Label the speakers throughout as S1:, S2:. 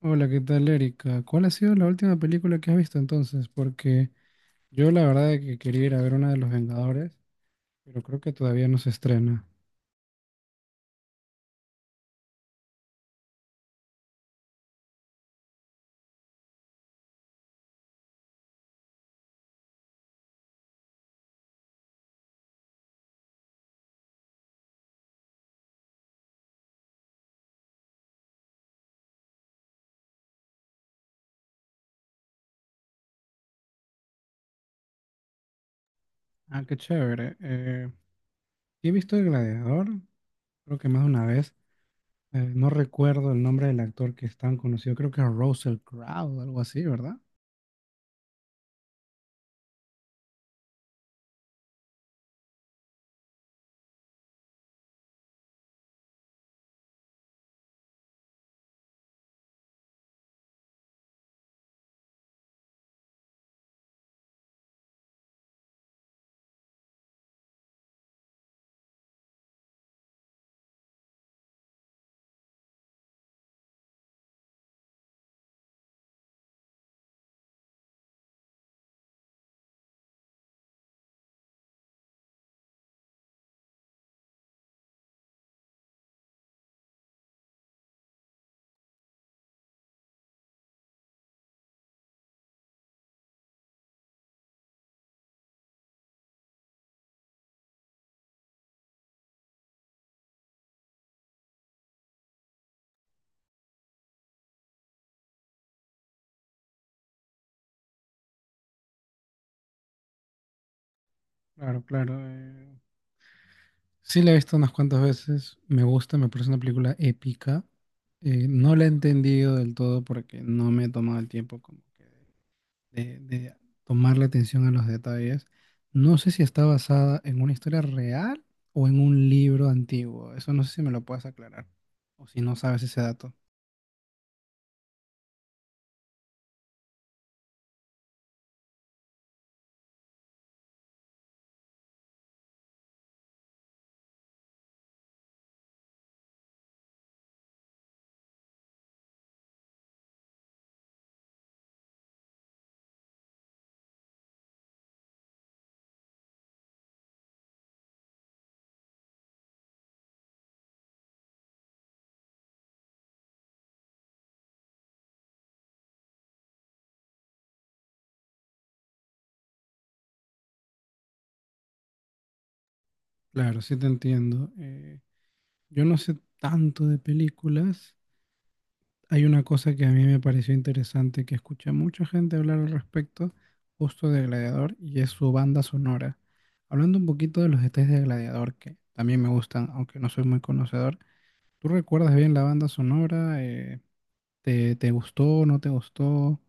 S1: Hola, ¿qué tal, Erika? ¿Cuál ha sido la última película que has visto entonces? Porque yo la verdad es que quería ir a ver una de los Vengadores, pero creo que todavía no se estrena. Ah, qué chévere. He visto El Gladiador, creo que más de una vez. No recuerdo el nombre del actor que es tan conocido, creo que es Russell Crowe, algo así, ¿verdad? Claro, claro. Sí la he visto unas cuantas veces, me gusta, me parece una película épica. No la he entendido del todo porque no me he tomado el tiempo como que de tomarle atención a los detalles. No sé si está basada en una historia real o en un libro antiguo. Eso no sé si me lo puedes aclarar o si no sabes ese dato. Claro, sí te entiendo. Yo no sé tanto de películas. Hay una cosa que a mí me pareció interesante que escuché a mucha gente hablar al respecto, justo de Gladiador, y es su banda sonora. Hablando un poquito de los detalles de Gladiador, que también me gustan, aunque no soy muy conocedor. ¿Tú recuerdas bien la banda sonora? ¿Te gustó no te gustó?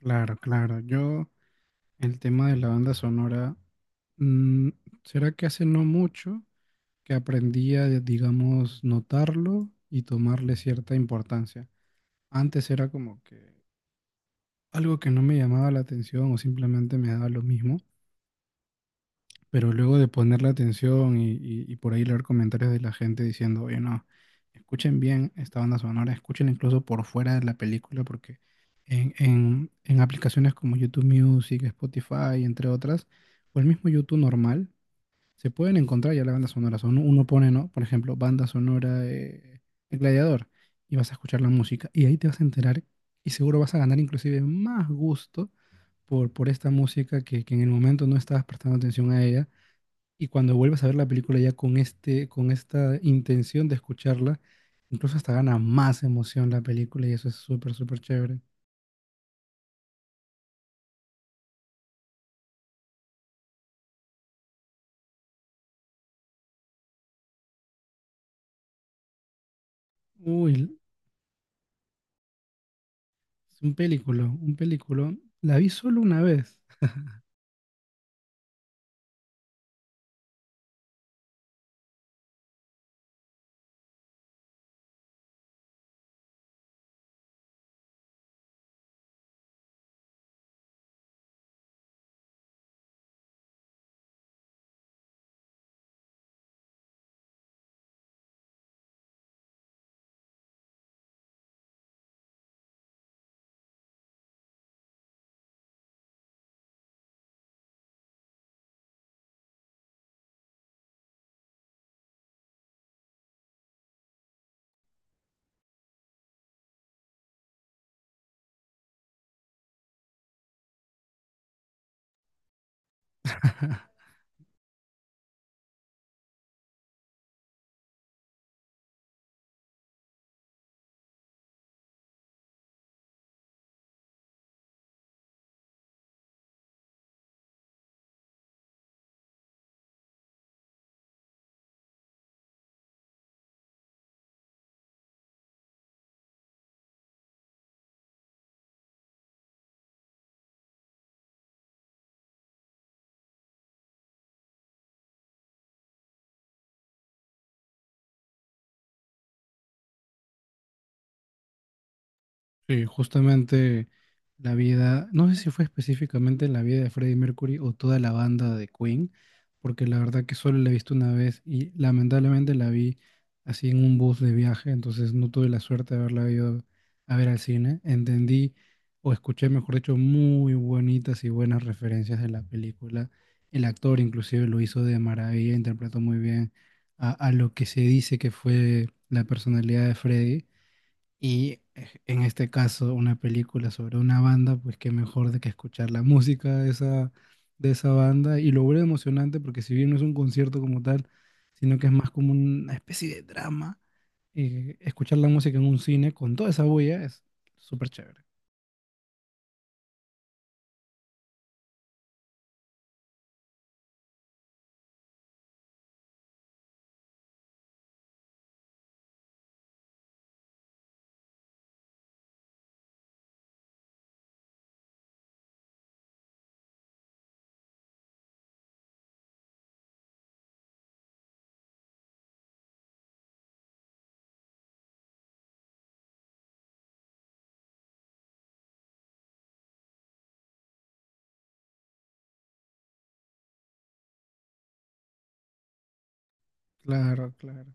S1: Claro, claro. Yo, el tema de la banda sonora, mm, será que hace no mucho que aprendí a, digamos, notarlo y tomarle cierta importancia. Antes era como que algo que no me llamaba la atención o simplemente me daba lo mismo. Pero luego de ponerle atención y por ahí leer comentarios de la gente diciendo, oye, no, escuchen bien esta banda sonora, escúchenla incluso por fuera de la película, porque en aplicaciones como YouTube Music, Spotify, entre otras, o el mismo YouTube normal, se pueden encontrar ya las bandas sonoras. Uno pone, ¿no? Por ejemplo, banda sonora El Gladiador, y vas a escuchar la música, y ahí te vas a enterar, y seguro vas a ganar inclusive más gusto por esta música que en el momento no estabas prestando atención a ella y cuando vuelves a ver la película ya con este, con esta intención de escucharla, incluso hasta gana más emoción la película y eso es súper, súper chévere. Uy, es un película, un película. La vi solo una vez. Sí, justamente la vida, no sé si fue específicamente la vida de Freddie Mercury o toda la banda de Queen, porque la verdad que solo la he visto una vez y lamentablemente la vi así en un bus de viaje, entonces no tuve la suerte de haberla ido a ver al cine. Entendí o escuché, mejor dicho, muy bonitas y buenas referencias de la película. El actor inclusive lo hizo de maravilla, interpretó muy bien a lo que se dice que fue la personalidad de Freddie. Y en este caso, una película sobre una banda, pues qué mejor de que escuchar la música de esa banda. Y lo vuelve emocionante porque si bien no es un concierto como tal, sino que es más como una especie de drama, escuchar la música en un cine con toda esa bulla es súper chévere. Claro, claro.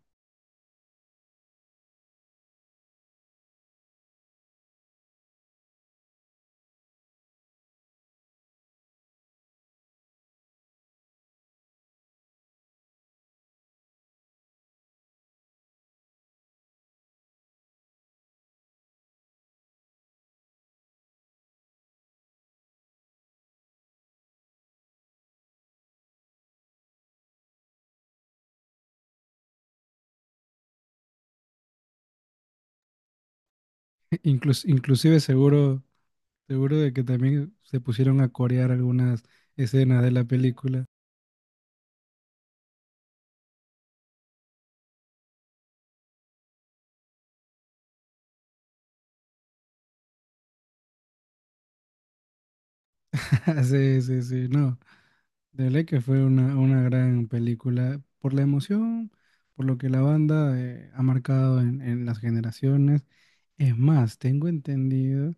S1: Inclusive seguro, seguro de que también se pusieron a corear algunas escenas de la película. Sí, sí, sí, no. De ley que fue una gran película por la emoción, por lo que la banda ha marcado en las generaciones. Es más, tengo entendido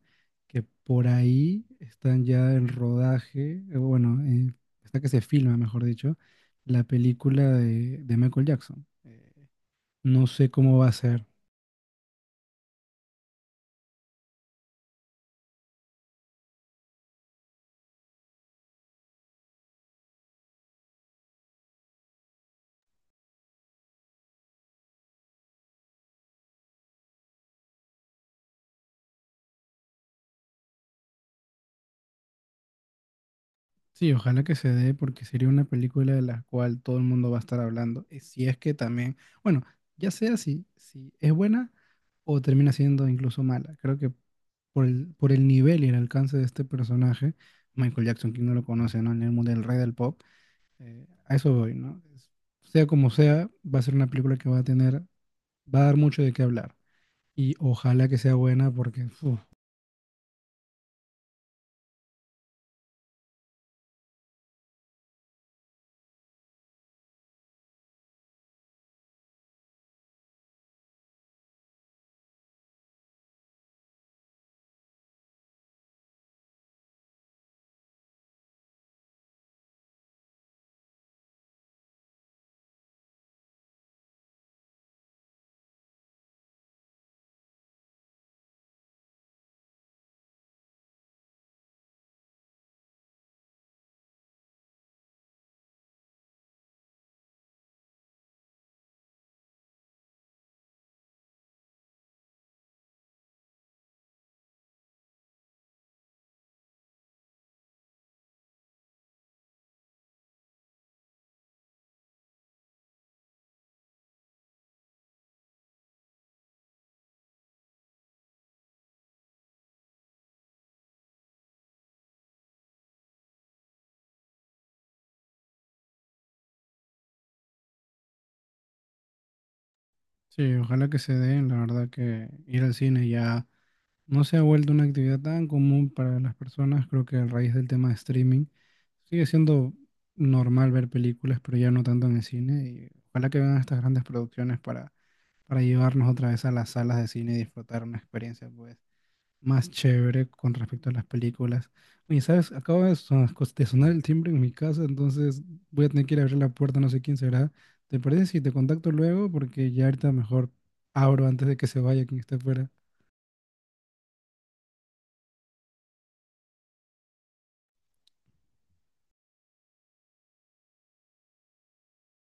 S1: que por ahí están ya en rodaje, bueno, está que se filma, mejor dicho, la película de Michael Jackson. No sé cómo va a ser. Sí, ojalá que se dé porque sería una película de la cual todo el mundo va a estar hablando. Y si es que también, bueno, ya sea si es buena o termina siendo incluso mala. Creo que por el nivel y el alcance de este personaje, Michael Jackson, quien no lo conoce, ¿no? En el mundo del rey del pop, a eso voy, ¿no? Sea como sea, va a ser una película que va a tener, va a dar mucho de qué hablar. Y ojalá que sea buena porque, fu, sí, ojalá que se dé. La verdad que ir al cine ya no se ha vuelto una actividad tan común para las personas, creo que a raíz del tema de streaming. Sigue siendo normal ver películas, pero ya no tanto en el cine. Y ojalá que vengan estas grandes producciones para llevarnos otra vez a las salas de cine y disfrutar una experiencia pues, más chévere con respecto a las películas. Oye, ¿sabes? Acaba de de sonar el timbre en mi casa, entonces voy a tener que ir a abrir la puerta, no sé quién será. ¿Te parece si te contacto luego? Porque ya ahorita mejor abro antes de que se vaya quien esté fuera.